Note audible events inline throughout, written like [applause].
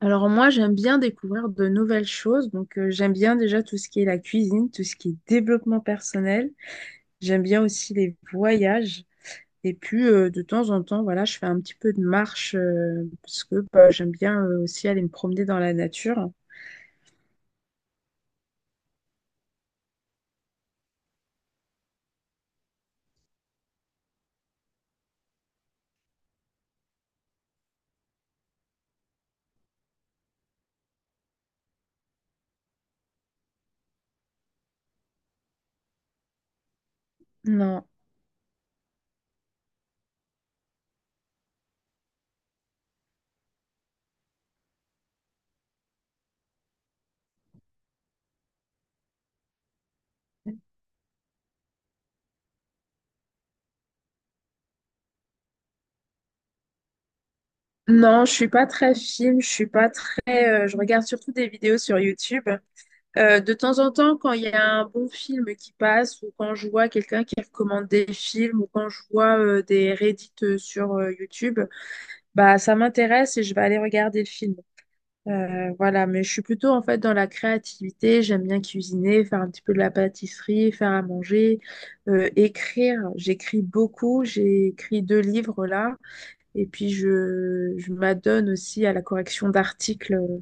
Alors moi, j'aime bien découvrir de nouvelles choses. Donc j'aime bien déjà tout ce qui est la cuisine, tout ce qui est développement personnel. J'aime bien aussi les voyages. Et puis de temps en temps, voilà, je fais un petit peu de marche parce que bah, j'aime bien aussi aller me promener dans la nature. Non. Non, je suis pas très film, je suis pas très je regarde surtout des vidéos sur YouTube. De temps en temps, quand il y a un bon film qui passe, ou quand je vois quelqu'un qui recommande des films, ou quand je vois des Reddit sur YouTube, bah ça m'intéresse et je vais aller regarder le film. Voilà, mais je suis plutôt en fait dans la créativité. J'aime bien cuisiner, faire un petit peu de la pâtisserie, faire à manger, écrire. J'écris beaucoup. J'ai écrit deux livres là, et puis je m'adonne aussi à la correction d'articles euh,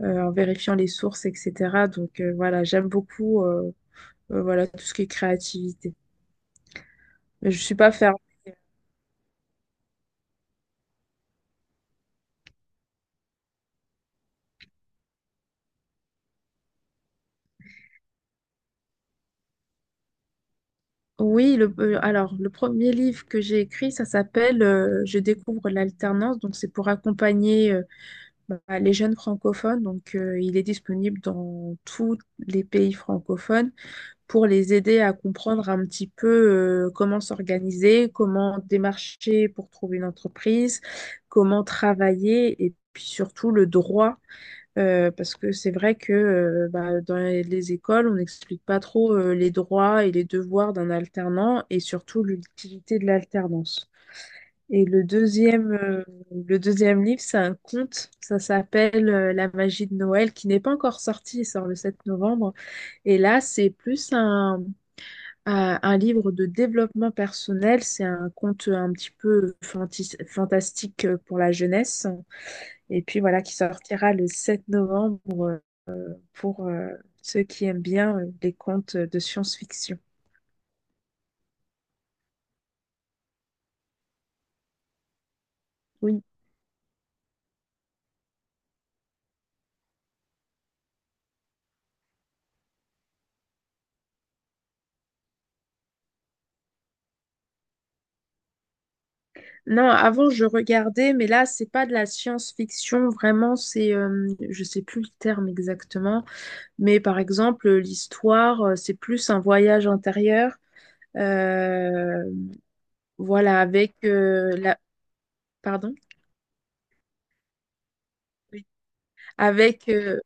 euh, en vérifiant les sources, etc. Donc voilà, j'aime beaucoup voilà, tout ce qui est créativité. Mais je suis pas fermée. Oui, alors le premier livre que j'ai écrit, ça s'appelle Je découvre l'alternance. Donc c'est pour accompagner bah, les jeunes francophones. Donc il est disponible dans tous les pays francophones pour les aider à comprendre un petit peu comment s'organiser, comment démarcher pour trouver une entreprise, comment travailler et puis surtout le droit. Parce que c'est vrai que bah, dans les écoles, on n'explique pas trop les droits et les devoirs d'un alternant et surtout l'utilité de l'alternance. Et le deuxième livre, c'est un conte, ça s'appelle La magie de Noël, qui n'est pas encore sorti, il sort le 7 novembre. Et là, c'est plus un livre de développement personnel, c'est un conte un petit peu fantastique pour la jeunesse. Et puis voilà, qui sortira le 7 novembre. Pour ceux qui aiment bien les contes de science-fiction. Oui. Non, avant je regardais, mais là c'est pas de la science-fiction vraiment, je sais plus le terme exactement, mais par exemple l'histoire, c'est plus un voyage intérieur, euh, voilà, avec pardon, Oui. avec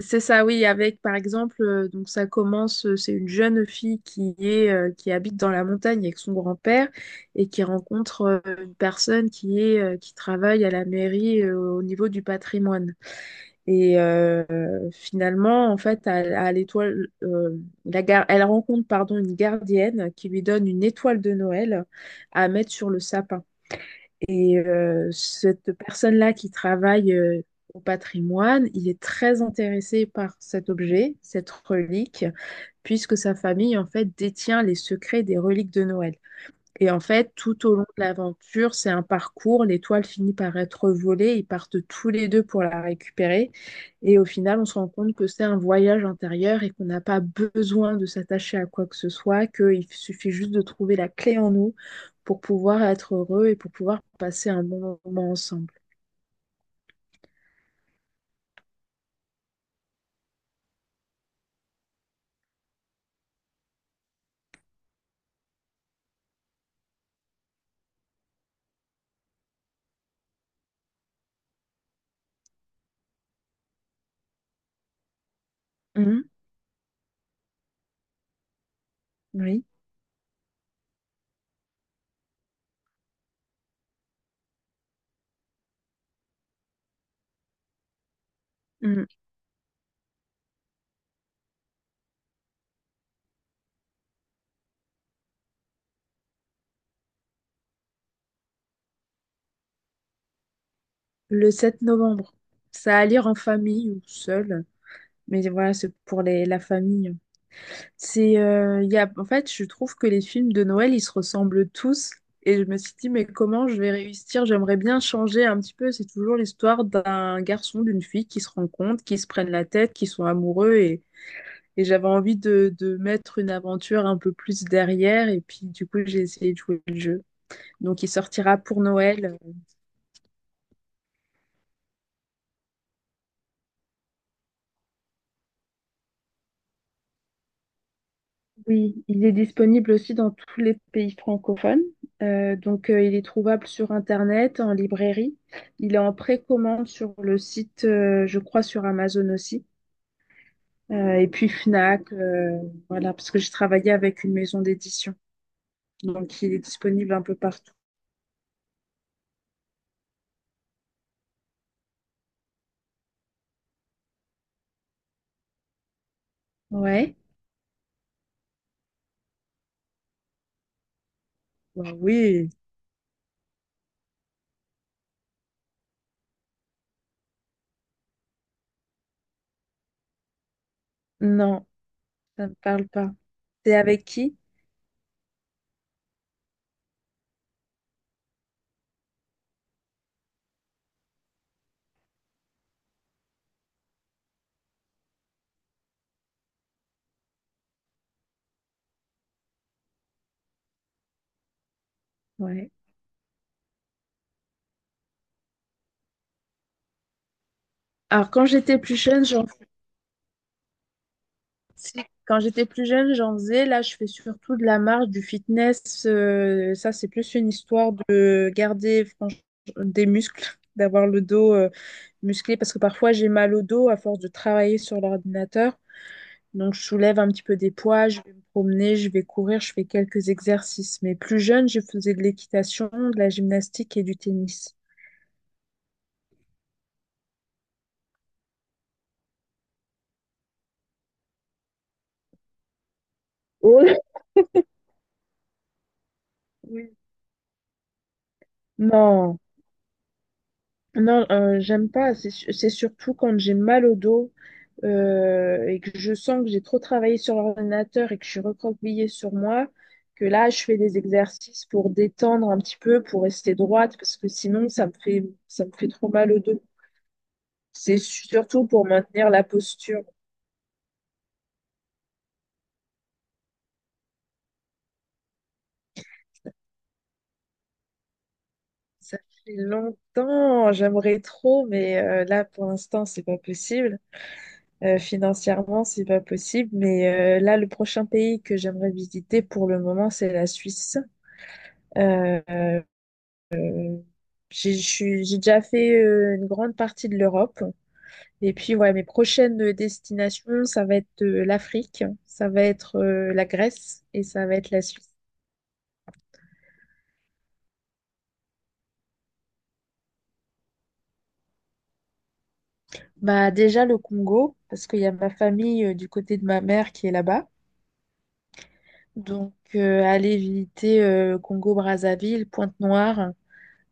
C'est ça, oui, avec par exemple, donc ça commence, c'est une jeune fille qui habite dans la montagne avec son grand-père et qui rencontre une personne qui travaille à la mairie au niveau du patrimoine. Et finalement, en fait, à l'étoile, elle rencontre pardon une gardienne qui lui donne une étoile de Noël à mettre sur le sapin. Et cette personne-là qui travaille au patrimoine, il est très intéressé par cet objet, cette relique, puisque sa famille, en fait, détient les secrets des reliques de Noël. Et en fait, tout au long de l'aventure, c'est un parcours. L'étoile finit par être volée. Ils partent tous les deux pour la récupérer. Et au final, on se rend compte que c'est un voyage intérieur et qu'on n'a pas besoin de s'attacher à quoi que ce soit, qu'il suffit juste de trouver la clé en nous pour pouvoir être heureux et pour pouvoir passer un bon moment ensemble. Mhm, oui. Mhm. Le 7 novembre. Ça à lire en famille ou seul. Mais voilà, c'est pour les, la famille. Il y a, en fait, je trouve que les films de Noël, ils se ressemblent tous. Et je me suis dit, mais comment je vais réussir? J'aimerais bien changer un petit peu. C'est toujours l'histoire d'un garçon, d'une fille qui se rencontrent, qui se prennent la tête, qui sont amoureux. Et j'avais envie de mettre une aventure un peu plus derrière. Et puis, du coup, j'ai essayé de jouer le jeu. Donc, il sortira pour Noël. Oui, il est disponible aussi dans tous les pays francophones. Donc, il est trouvable sur Internet, en librairie. Il est en précommande sur le site, je crois, sur Amazon aussi. Et puis Fnac, voilà, parce que j'ai travaillé avec une maison d'édition. Donc, il est disponible un peu partout. Ouais. Bah oui. Non, ça me parle pas. C'est avec qui? Ouais. Alors, quand j'étais plus jeune, je... Si, quand j'étais plus jeune, j'en faisais. Là, je fais surtout de la marche, du fitness. Ça, c'est plus une histoire de garder des muscles, [laughs] d'avoir le dos musclé. Parce que parfois, j'ai mal au dos à force de travailler sur l'ordinateur. Donc, je soulève un petit peu des poids, je vais me promener, je vais courir, je fais quelques exercices. Mais plus jeune, je faisais de l'équitation, de la gymnastique et du tennis. Oh, oui. Non. Non, j'aime pas. C'est surtout quand j'ai mal au dos et que je sens que j'ai trop travaillé sur l'ordinateur et que je suis recroquevillée sur moi, que là, je fais des exercices pour détendre un petit peu, pour rester droite, parce que sinon, ça me fait trop mal au dos. C'est surtout pour maintenir la posture. Ça fait longtemps, j'aimerais trop, mais là, pour l'instant, c'est pas possible. Financièrement, c'est pas possible. Mais là, le prochain pays que j'aimerais visiter pour le moment, c'est la Suisse. Euh, euh, j'ai déjà fait une grande partie de l'Europe. Et puis, ouais, mes prochaines destinations, ça va être l'Afrique, ça va être la Grèce et ça va être la Suisse. Bah, déjà le Congo, parce qu'il y a ma famille du côté de ma mère qui est là-bas. Donc, aller visiter Congo-Brazzaville, Pointe-Noire.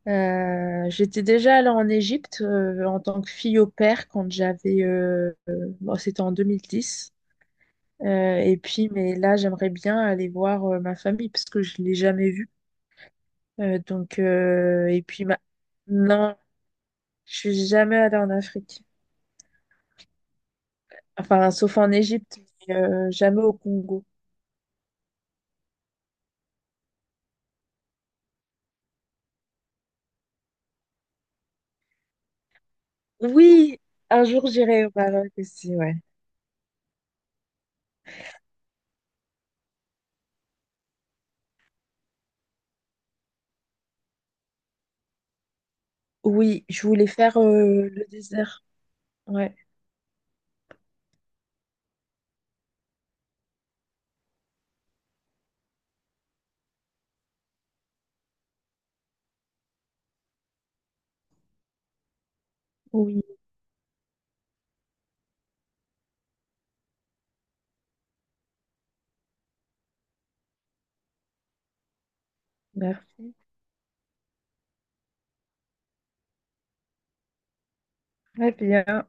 J'étais déjà allée en Égypte en tant que fille au père quand j'avais... bon, c'était en 2010. Et puis, mais là, j'aimerais bien aller voir ma famille parce que je l'ai jamais vue. Donc, et puis, ma... non, je suis jamais allée en Afrique. Enfin, sauf en Égypte, mais, jamais au Congo. Oui, un jour, j'irai au Maroc aussi, ouais. Oui, je voulais faire le désert. Ouais, oui, merci. Très bien.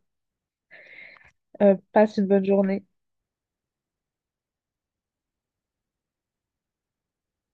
Passe une bonne journée.